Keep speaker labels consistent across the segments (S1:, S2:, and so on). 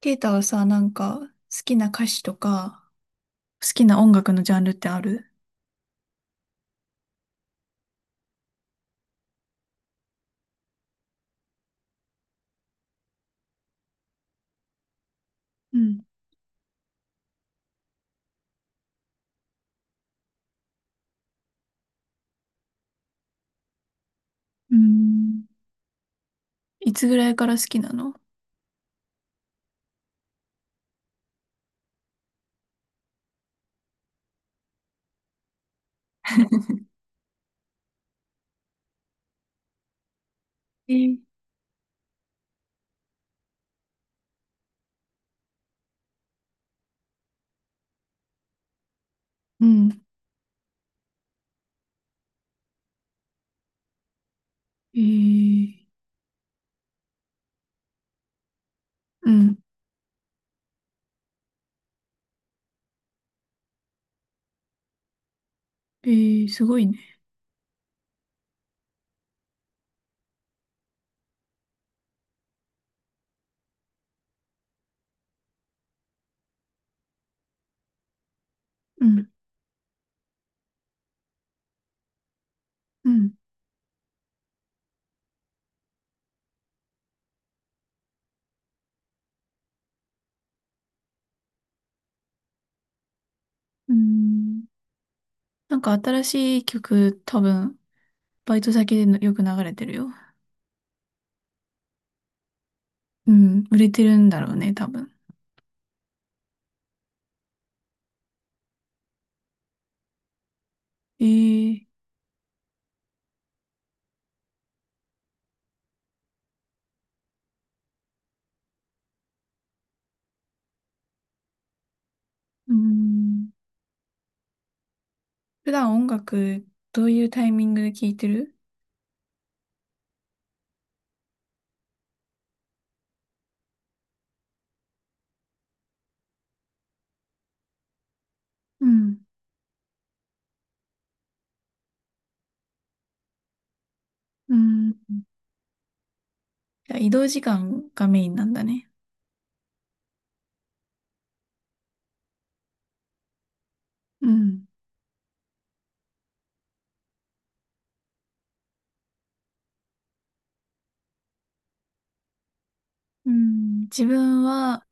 S1: ケイタはさ、なんか、好きな歌手とか、好きな音楽のジャンルってある？うん。うーん。いつぐらいから好きなの？えー、うん、えー、うん、えー、すごいね。うん、うん。うーん。なんか新しい曲、多分、バイト先でのよく流れてるよ。うん、売れてるんだろうね、多分。えー、うーん。普段音楽、どういうタイミングで聴いてる？うん。うん。じゃあ移動時間がメインなんだね。うん。うん。自分は、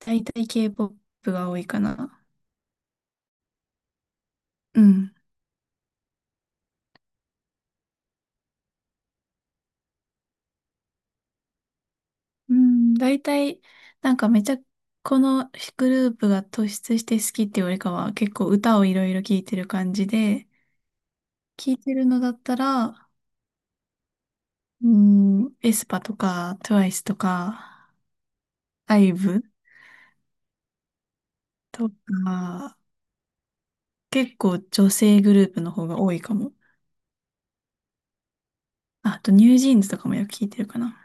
S1: だいたい K-POP が多いかな。うん。うん。だいたい、なんかめちゃ、このグループが突出して好きっていうよりかは、結構歌をいろいろ聴いてる感じで、聴いてるのだったら、うん、エスパとか、トゥワイスとか、IVE とか、結構女性グループの方が多いかも。ああと、ニュージーンズとかもよく聴いてるかな。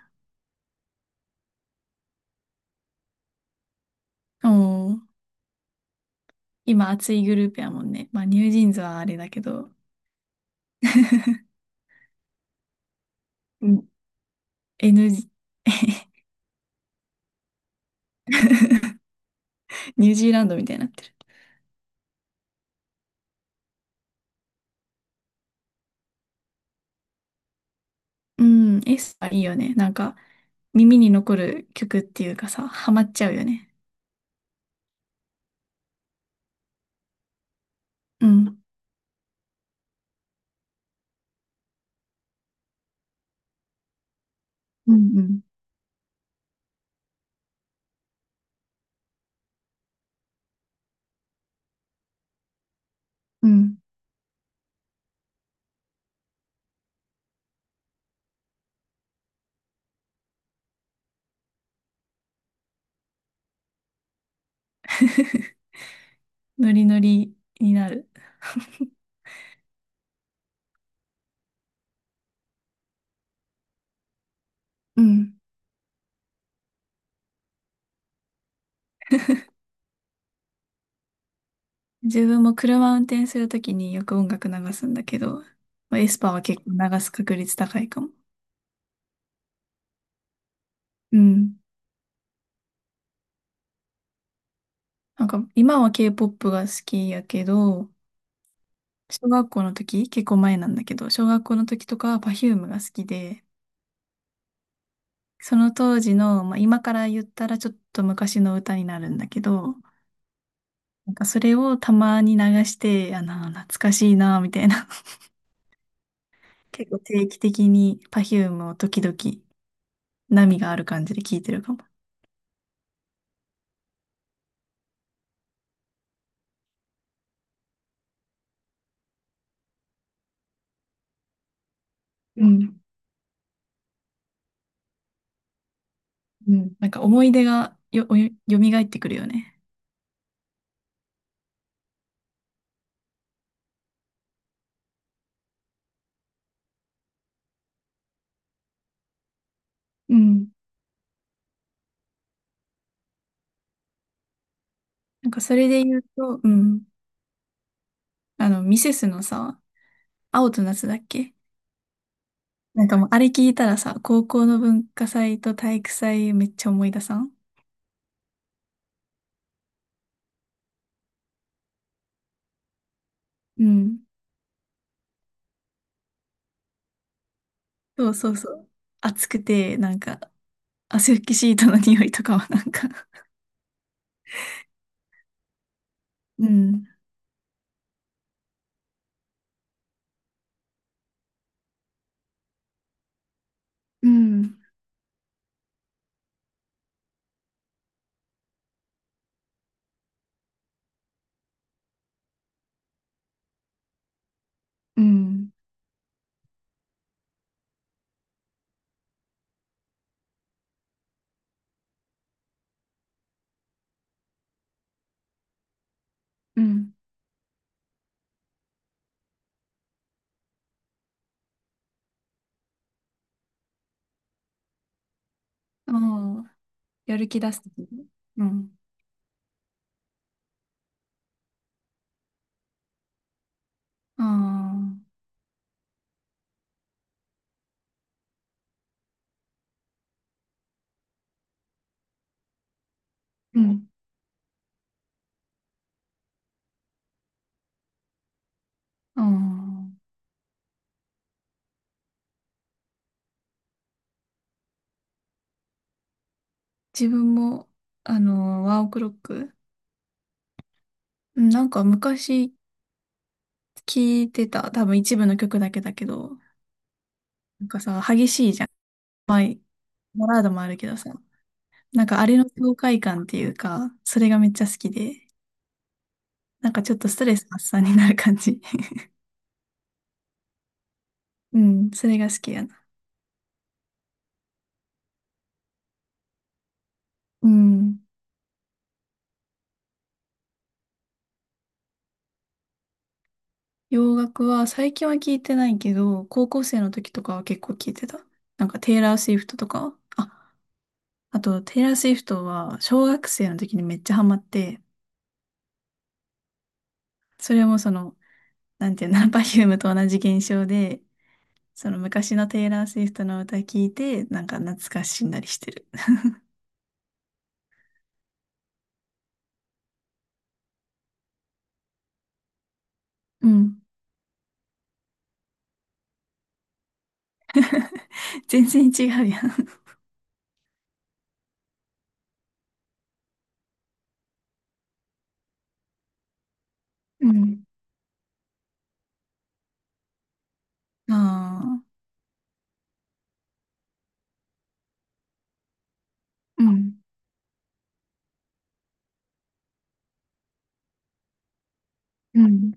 S1: おー。今熱いグループやもんね。まあ、ニュージーンズはあれだけど。うん n ニュージーランドみたいになってる。うん、エスパーいいよね。なんか、耳に残る曲っていうかさ、ハマっちゃうよね。うん。うんうん。うん。ノリノリになる。うん。自分も車運転するときによく音楽流すんだけど、まあエスパーは結構流す確率高いかも。うん。なんか、今は K-POP が好きやけど、小学校の時、結構前なんだけど、小学校の時とかは Perfume が好きで、その当時の、まあ、今から言ったらちょっと昔の歌になるんだけど、なんかそれをたまに流して、あの、懐かしいな、みたいな。結構定期的に Perfume を時々波がある感じで聴いてるかも。うん。うん。なんか思い出が蘇ってくるよね。うん。なんかそれで言うと、うん。あの、ミセスのさ、青と夏だっけ？なんかもうあれ聞いたらさ、高校の文化祭と体育祭めっちゃ思い出さん？うん。そうそうそう。暑くて、なんか、汗拭きシートの匂いとかはなんか、うん、うん、うん、うん。ああ、やる気出すとき。うん。ああ、うん。ああ、自分も、あの、ワンオクロック、うん、なんか昔聞いてた、多分一部の曲だけだけど、なんかさ、激しいじゃん。まあ、バラードもあるけどさ、なんかあれの爽快感っていうか、それがめっちゃ好きで、なんかちょっとストレス発散になる感じ。うん、それが好きやな。うん。洋楽は最近は聞いてないけど、高校生の時とかは結構聞いてた。なんかテイラー・スウィフトとか。あ、あとテイラー・スウィフトは小学生の時にめっちゃハマって、それもその、なんていうの、パフュームと同じ現象で、その昔のテイラー・スウィフトの歌聞いて、なんか懐かしんだりしてる。うん。全然違うやん。うん。ああ。うん。うん。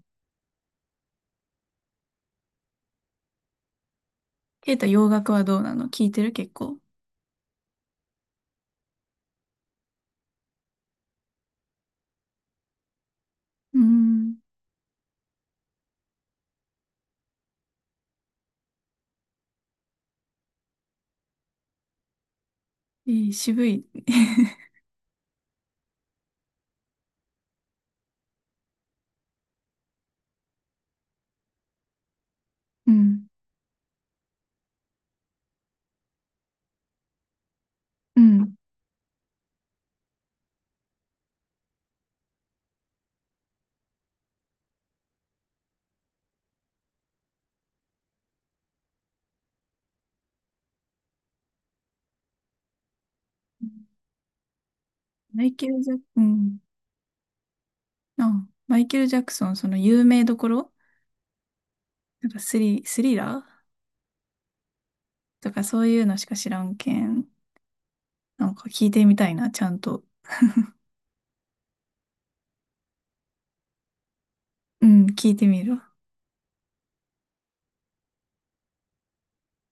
S1: ケイタ、洋楽はどうなの？聞いてる結構？うん。いい、渋い。うん。うん。マイケル・ジャク、うん。あ、マイケル・ジャクソン、その有名どころ？なんかスリラーとかそういうのしか知らんけん。なんか聞いてみたいな、ちゃんと。うん、聞いてみる